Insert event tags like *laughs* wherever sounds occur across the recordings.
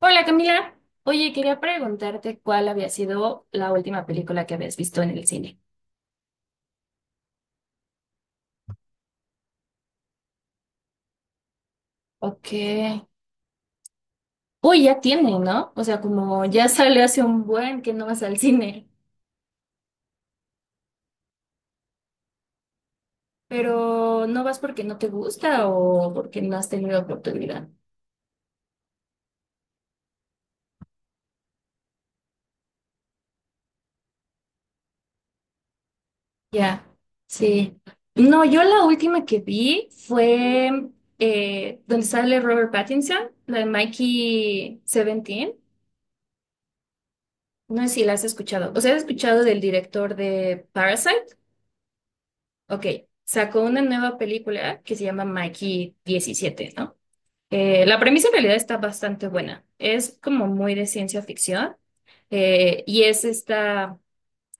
Hola Camila, oye, quería preguntarte cuál había sido la última película que habías visto en el cine. Ok. Uy, ya tiene, ¿no? O sea, como ya sale hace un buen que no vas al cine, pero ¿no vas porque no te gusta o porque no has tenido oportunidad? Ya, sí. No, yo la última que vi fue donde sale Robert Pattinson, la de Mikey 17. No sé si la has escuchado. O sea, ¿has escuchado del director de Parasite? Ok, sacó una nueva película que se llama Mikey 17, ¿no? La premisa en realidad está bastante buena. Es como muy de ciencia ficción y es este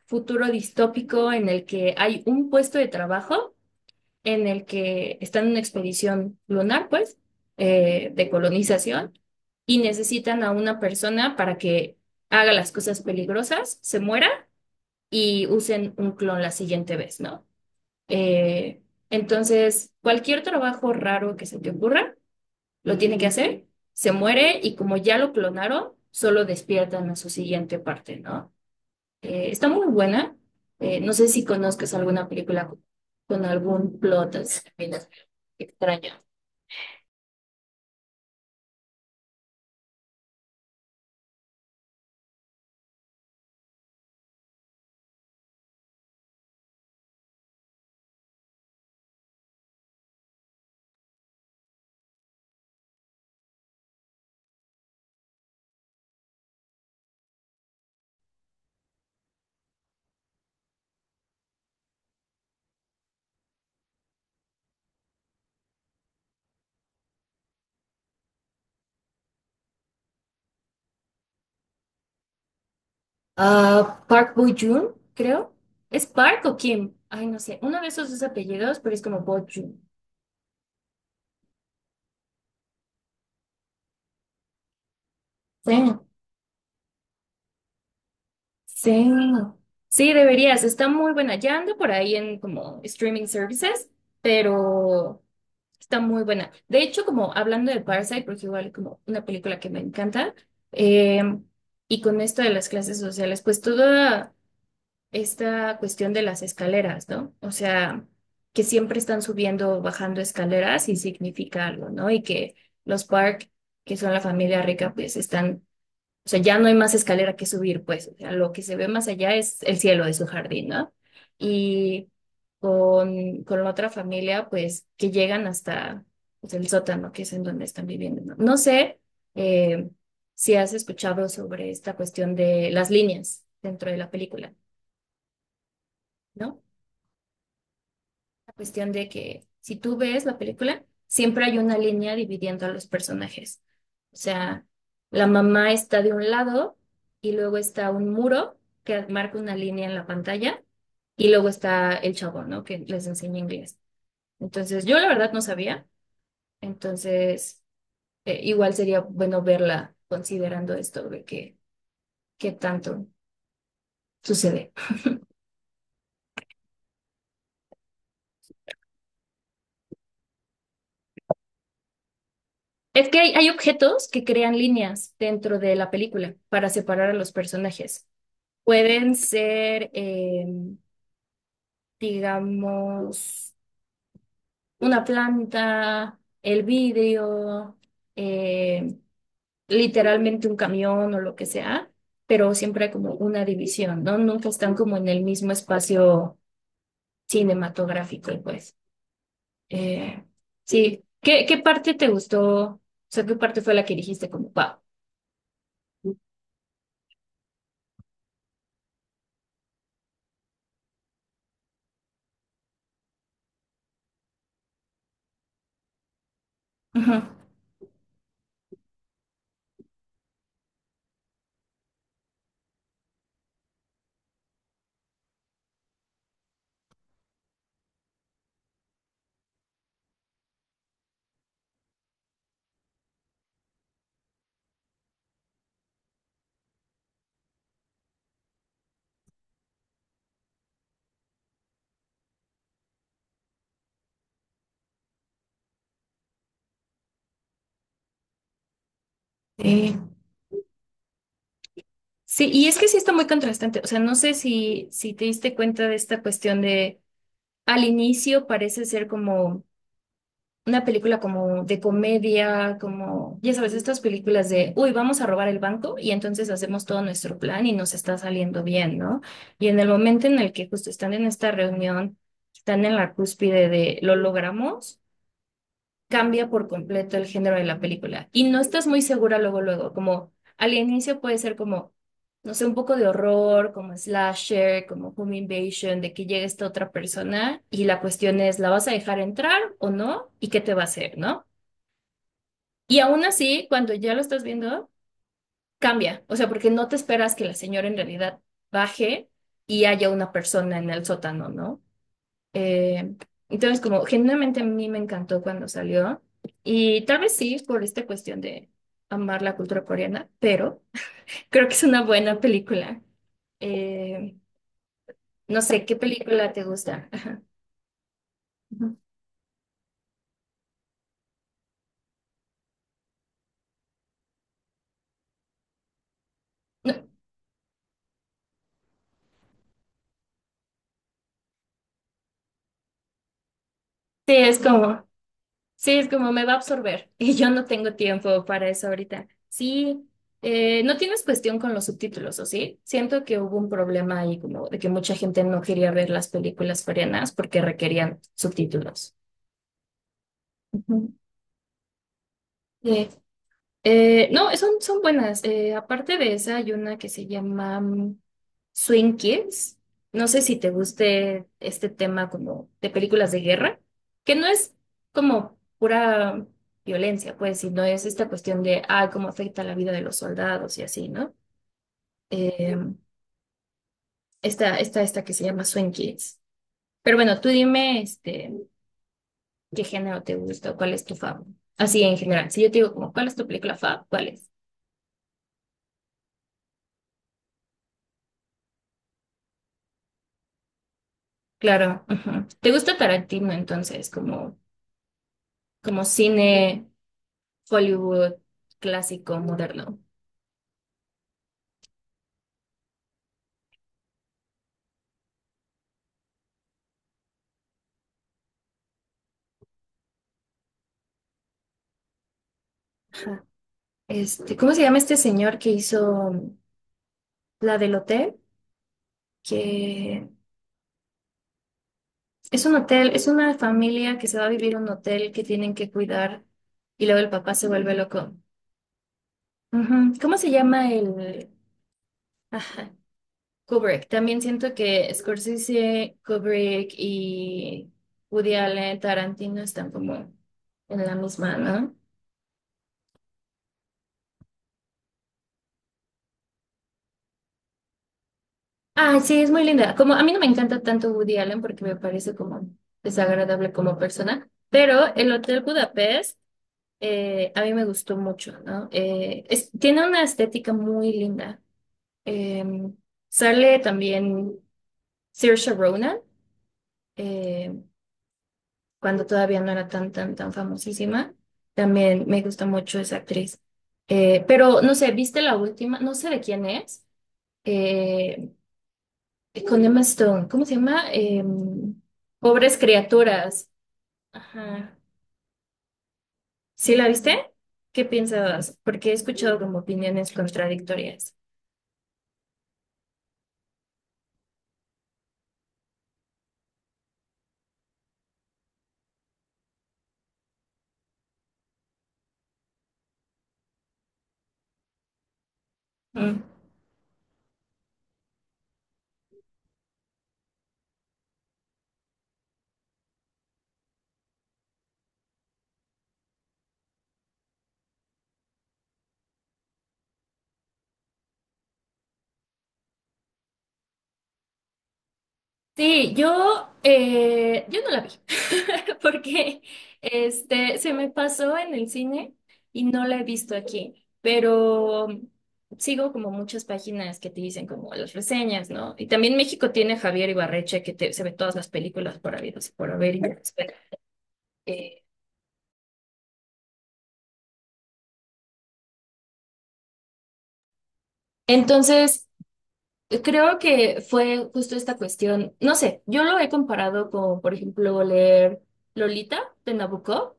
futuro distópico en el que hay un puesto de trabajo en el que están en una expedición lunar, pues, de colonización y necesitan a una persona para que haga las cosas peligrosas, se muera y usen un clon la siguiente vez, ¿no? Eh, entonces, cualquier trabajo raro que se te ocurra, lo tiene que hacer, se muere y como ya lo clonaron, solo despiertan a su siguiente parte, ¿no? Está muy buena. No sé si conozcas alguna película con algún plot así, mira, extraño. Ah, Park Bo-joon, creo. ¿Es Park o Kim? Ay, no sé. Uno de esos dos apellidos, pero es como Bo-joon. Sí. Sí, sí, deberías. Está muy buena. Ya anda por ahí en como streaming services, pero está muy buena. De hecho, como hablando de Parasite, porque igual como una película que me encanta, eh, y con esto de las clases sociales, pues toda esta cuestión de las escaleras, ¿no? O sea, que siempre están subiendo, bajando escaleras y significa algo, ¿no? Y que los Park, que son la familia rica, pues están, o sea, ya no hay más escalera que subir, pues. O sea, lo que se ve más allá es el cielo de su jardín, ¿no? Y con la otra familia, pues, que llegan hasta, pues, el sótano, que es en donde están viviendo, ¿no? No sé eh, si has escuchado sobre esta cuestión de las líneas dentro de la película, ¿no? Cuestión de que si tú ves la película, siempre hay una línea dividiendo a los personajes. O sea, la mamá está de un lado y luego está un muro que marca una línea en la pantalla y luego está el chavo, ¿no? Que les enseña inglés. Entonces, yo la verdad no sabía. Entonces, igual sería bueno verla considerando esto de que, qué tanto sucede. Es que hay objetos que crean líneas dentro de la película para separar a los personajes. Pueden ser, digamos, una planta, el vidrio, eh, literalmente un camión o lo que sea, pero siempre hay como una división, ¿no? Nunca están como en el mismo espacio cinematográfico, pues. Eh, sí, ¿qué, qué parte te gustó? O sea, ¿qué parte fue la que dijiste como, wow? Ajá. Eh, sí, y es que sí está muy contrastante. O sea, no sé si, si te diste cuenta de esta cuestión de al inicio parece ser como una película como de comedia, como, ya sabes, estas películas de, uy, vamos a robar el banco y entonces hacemos todo nuestro plan y nos está saliendo bien, ¿no? Y en el momento en el que justo están en esta reunión, están en la cúspide de, lo logramos, cambia por completo el género de la película. Y no estás muy segura luego, luego, como al inicio puede ser como, no sé, un poco de horror, como slasher, como home invasion, de que llegue esta otra persona y la cuestión es, ¿la vas a dejar entrar o no? ¿Y qué te va a hacer, no? Y aún así, cuando ya lo estás viendo, cambia. O sea, porque no te esperas que la señora en realidad baje y haya una persona en el sótano, ¿no? Eh, entonces, como genuinamente a mí me encantó cuando salió. Y tal vez sí, por esta cuestión de amar la cultura coreana, pero creo que es una buena película. Eh, no sé, ¿qué película te gusta? Ujú. No, sí, es como, sí, es como me va a absorber *laughs* y yo no tengo tiempo para eso ahorita. Sí, no tienes cuestión con los subtítulos, ¿o sí? Siento que hubo un problema ahí como de que mucha gente no quería ver las películas coreanas porque requerían subtítulos. Ujú. Sí. No, son, son buenas. Aparte de esa, hay una que se llama mm, Swing Kids. No sé si te guste este tema como de películas de guerra, que no es como pura violencia, pues, sino es esta cuestión de, ah, cómo afecta la vida de los soldados y así, ¿no? Eh, esta que se llama Swing Kids. Pero bueno, tú dime, este, qué género te gusta o cuál es tu favorito. Así en general. Si yo te digo como, ¿cuál es tu película fav? ¿Cuál es? Claro. Ujú. ¿Te gusta Tarantino entonces, como, como cine Hollywood clásico, moderno? Ajá. Este, ¿cómo se llama este señor que hizo la del hotel? Que es un hotel, es una familia que se va a vivir a un hotel que tienen que cuidar y luego el papá se vuelve loco. Ujú. ¿Cómo se llama el...? Ajá. Kubrick. También siento que Scorsese, Kubrick y Woody Allen, Tarantino están como en la misma, ¿no? Ah, sí, es muy linda. Como a mí no me encanta tanto Woody Allen porque me parece como desagradable como persona, pero el Hotel Budapest, a mí me gustó mucho, ¿no? Tiene una estética muy linda. Eh, sale también Saoirse Ronan, eh, cuando todavía no era tan, tan famosísima. También me gusta mucho esa actriz. Pero no sé, ¿viste la última? No sé de quién es. Eh, con Emma Stone, ¿cómo se llama? Em, Pobres criaturas. Ajá. ¿Sí la viste? ¿Qué piensas? Porque he escuchado como opiniones contradictorias. Mm. Sí, yo, yo no la vi, *laughs* porque este, se me pasó en el cine y no la he visto aquí, pero sigo como muchas páginas que te dicen como las reseñas, ¿no? Y también México tiene a Javier Ibarreche, que se ve todas las películas por habidos y por haber. Y entonces, creo que fue justo esta cuestión, no sé, yo lo he comparado con, por ejemplo, leer Lolita de Nabucco,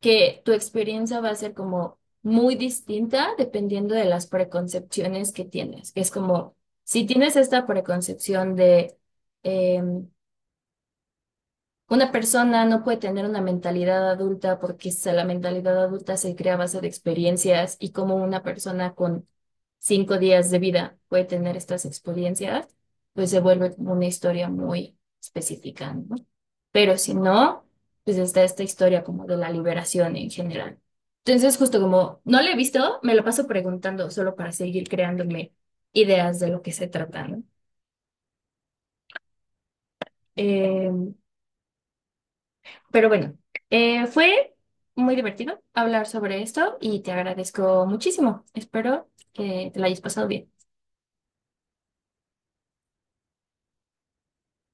que tu experiencia va a ser como muy distinta dependiendo de las preconcepciones que tienes. Es como, si tienes esta preconcepción de, em, una persona no puede tener una mentalidad adulta porque la mentalidad adulta se crea a base de experiencias y como una persona con 5 días de vida puede tener estas experiencias, pues se vuelve como una historia muy específica, ¿no? Pero si no, pues está esta historia como de la liberación en general. Entonces, justo como no la he visto, me lo paso preguntando solo para seguir creándome ideas de lo que se trata, ¿no? Eh, pero bueno, fue muy divertido hablar sobre esto y te agradezco muchísimo. Espero que te lo hayas pasado bien.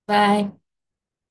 Bye.